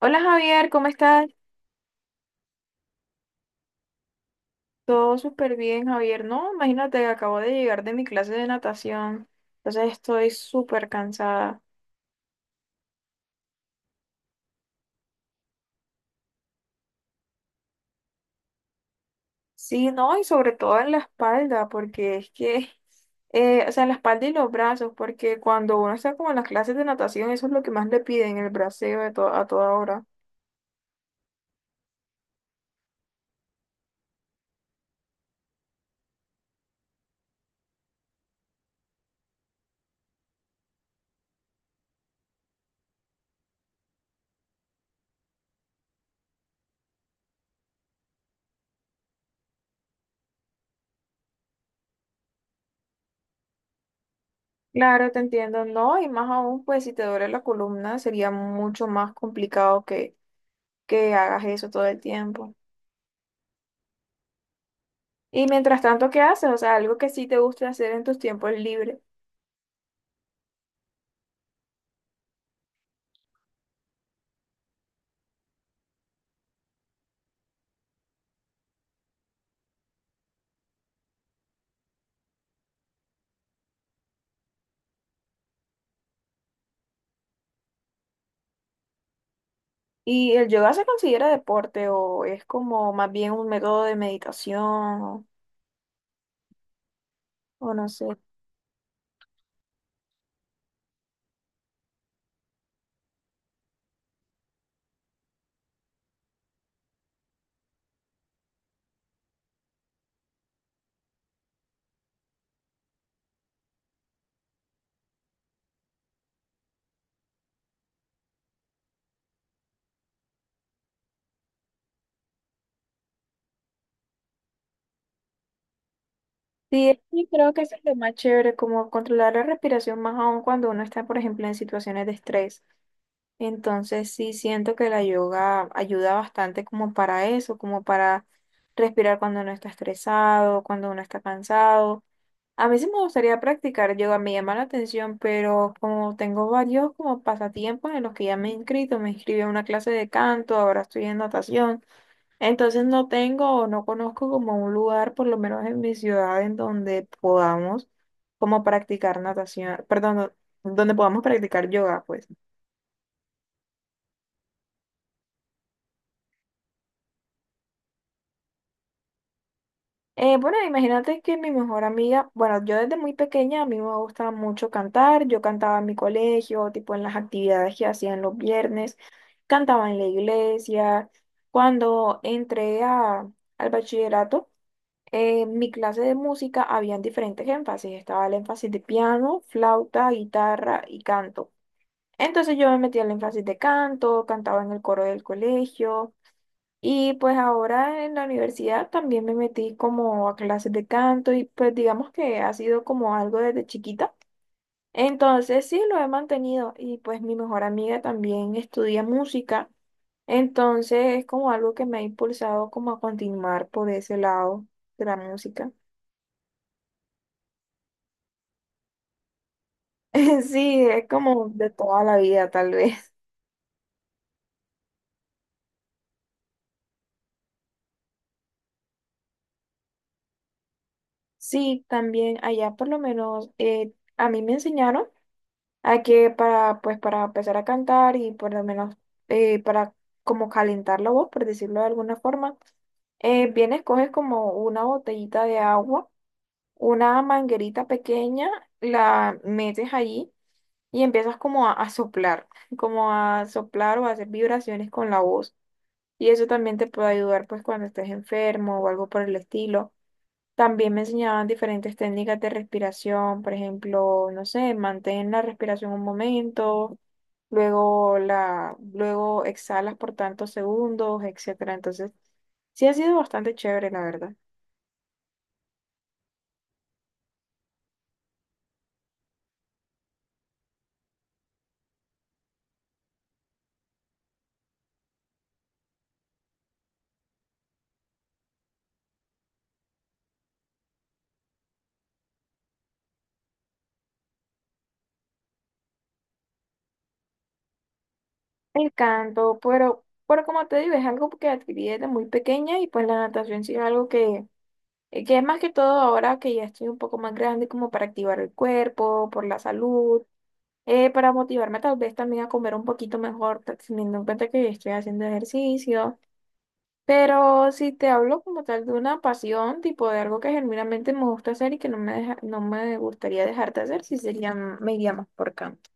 Hola Javier, ¿cómo estás? Todo súper bien, Javier. No, imagínate, acabo de llegar de mi clase de natación, entonces estoy súper cansada. Sí, no, y sobre todo en la espalda, porque es que, o sea, en la espalda y los brazos, porque cuando uno está como en las clases de natación, eso es lo que más le piden, el braceo a toda hora. Claro, te entiendo, no, y más aún, pues si te duele la columna, sería mucho más complicado que hagas eso todo el tiempo. Y mientras tanto, ¿qué haces? O sea, algo que sí te guste hacer en tus tiempos libres. ¿Y el yoga se considera deporte o es como más bien un método de meditación o no sé? Sí, sí, creo que eso es lo más chévere, como controlar la respiración más aún cuando uno está, por ejemplo, en situaciones de estrés. Entonces sí siento que la yoga ayuda bastante como para eso, como para respirar cuando uno está estresado, cuando uno está cansado. A mí sí me gustaría practicar yoga, me llama la atención, pero como tengo varios como pasatiempos en los que ya me he inscrito, me inscribí a una clase de canto, ahora estoy en natación, entonces no tengo o no conozco como un lugar, por lo menos en mi ciudad, en donde podamos como practicar natación, perdón, no, donde podamos practicar yoga, pues. Bueno, imagínate que mi mejor amiga, bueno, yo desde muy pequeña a mí me gustaba mucho cantar, yo cantaba en mi colegio, tipo en las actividades que hacían los viernes, cantaba en la iglesia. Cuando entré a- al bachillerato, en mi clase de música habían diferentes énfasis, estaba el énfasis de piano, flauta, guitarra y canto. Entonces yo me metí al énfasis de canto, cantaba en el coro del colegio. Y pues ahora en la universidad también me metí como a clases de canto y pues digamos que ha sido como algo desde chiquita. Entonces sí, lo he mantenido y pues mi mejor amiga también estudia música. Entonces es como algo que me ha impulsado como a continuar por ese lado de la música. Sí, es como de toda la vida tal vez. Sí, también allá por lo menos a mí me enseñaron. Aquí para, pues, para empezar a cantar y por lo menos para como calentar la voz, por decirlo de alguna forma, vienes, coges como una botellita de agua, una manguerita pequeña, la metes allí y empiezas a soplar, como a soplar o a hacer vibraciones con la voz. Y eso también te puede ayudar pues cuando estés enfermo o algo por el estilo. También me enseñaban diferentes técnicas de respiración, por ejemplo, no sé, mantén la respiración un momento, luego exhalas por tantos segundos, etcétera. Entonces, sí ha sido bastante chévere, la verdad. El canto, pero como te digo, es algo que adquirí desde muy pequeña y pues la natación sí es algo que es más que todo ahora que ya estoy un poco más grande como para activar el cuerpo, por la salud para motivarme tal vez también a comer un poquito mejor, teniendo en cuenta que estoy haciendo ejercicio. Pero si te hablo como tal de una pasión, tipo de algo que genuinamente me gusta hacer y que no me gustaría dejar de hacer, si sería, me iría más por canto.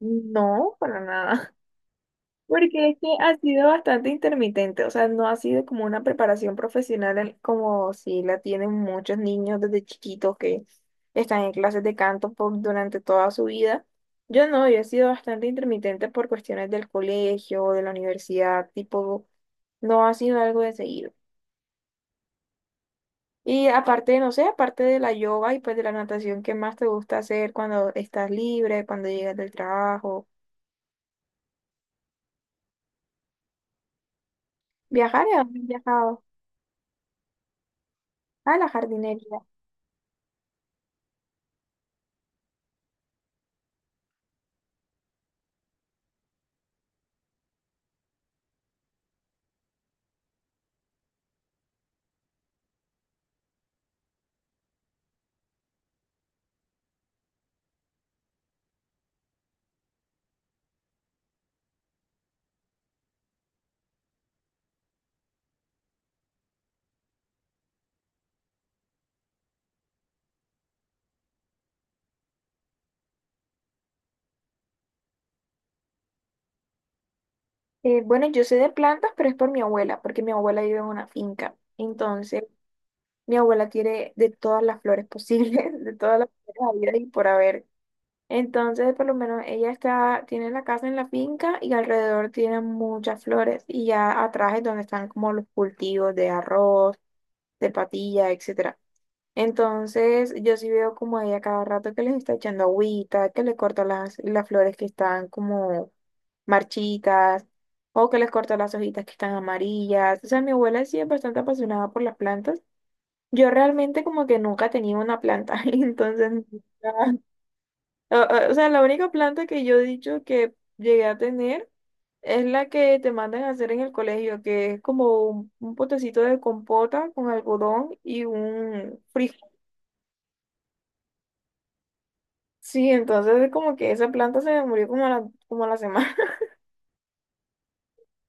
No, para nada. Porque es que ha sido bastante intermitente, o sea, no ha sido como una preparación profesional como si la tienen muchos niños desde chiquitos que están en clases de canto durante toda su vida. Yo no, yo he sido bastante intermitente por cuestiones del colegio, de la universidad, tipo, no ha sido algo de seguido. Y aparte, no sé, aparte de la yoga y pues de la natación, ¿qué más te gusta hacer cuando estás libre, cuando llegas del trabajo? Viajar, ¿a dónde has viajado? A la jardinería. Bueno, yo sé de plantas, pero es por mi abuela, porque mi abuela vive en una finca. Entonces, mi abuela tiene de todas las flores posibles, de todas las flores habidas y por haber. Entonces, por lo menos ella está, tiene la casa en la finca y alrededor tiene muchas flores. Y ya atrás es donde están como los cultivos de arroz, de patilla, etcétera. Entonces, yo sí veo como ella cada rato que les está echando agüita, que le corta las flores que están como marchitas o que les corto las hojitas que están amarillas. O sea, mi abuela sí es bastante apasionada por las plantas. Yo realmente como que nunca tenía una planta, entonces, o sea, la única planta que yo he dicho que llegué a tener es la que te mandan a hacer en el colegio, que es como un potecito de compota con algodón y un frijol. Sí, entonces es como que esa planta se me murió como a la semana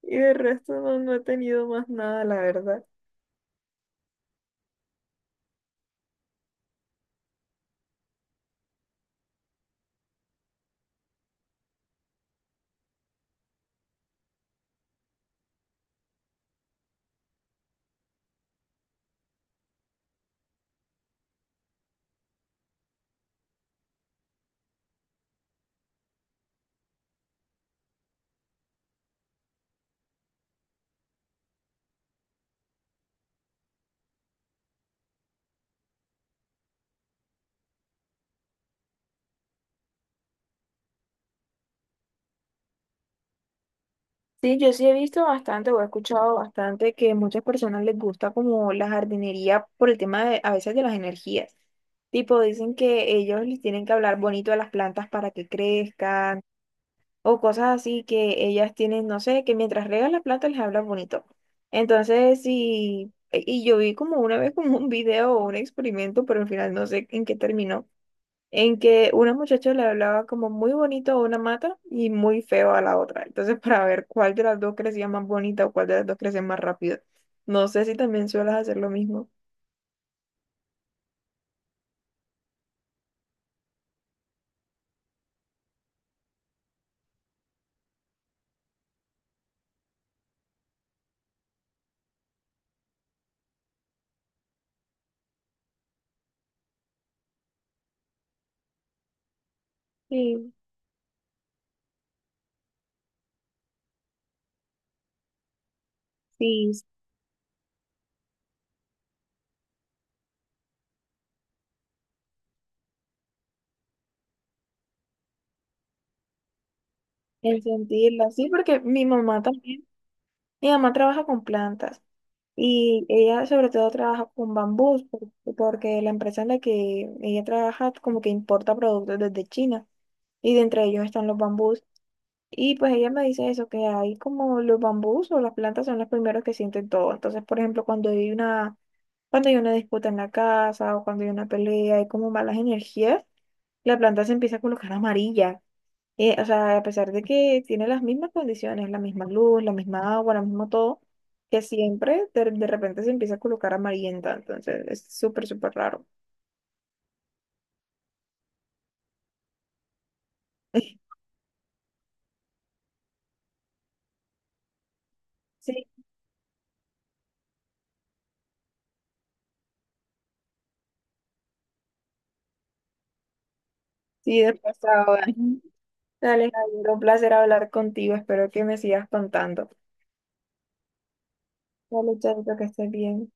y de resto no, no he tenido más nada, la verdad. Sí, yo sí he visto bastante o he escuchado bastante que muchas personas les gusta como la jardinería por el tema de, a veces de las energías. Tipo, dicen que ellos les tienen que hablar bonito a las plantas para que crezcan o cosas así que ellas tienen, no sé, que mientras riegan las plantas les hablan bonito. Entonces, sí, y yo vi como una vez como un video o un experimento, pero al final no sé en qué terminó en que una muchacha le hablaba como muy bonito a una mata y muy feo a la otra. Entonces, para ver cuál de las dos crecía más bonita o cuál de las dos crecía más rápido. No sé si también sueles hacer lo mismo. Sí, sí, en sentirla. Sí, porque mi mamá también, mi mamá trabaja con plantas y ella sobre todo trabaja con bambús porque la empresa en la que ella trabaja como que importa productos desde China y de entre ellos están los bambús. Y pues ella me dice eso, que hay como los bambús o las plantas son los primeros que sienten todo. Entonces, por ejemplo, cuando hay una disputa en la casa o cuando hay una pelea, hay como malas energías, la planta se empieza a colocar amarilla. O sea, a pesar de que tiene las mismas condiciones, la misma luz, la misma agua, lo mismo todo, que siempre de repente se empieza a colocar amarillenta. Entonces, es súper, súper raro. Sí, sí, después ahora. Dale, Javier, un placer hablar contigo. Espero que me sigas contando. Vale, chavito, que estés bien.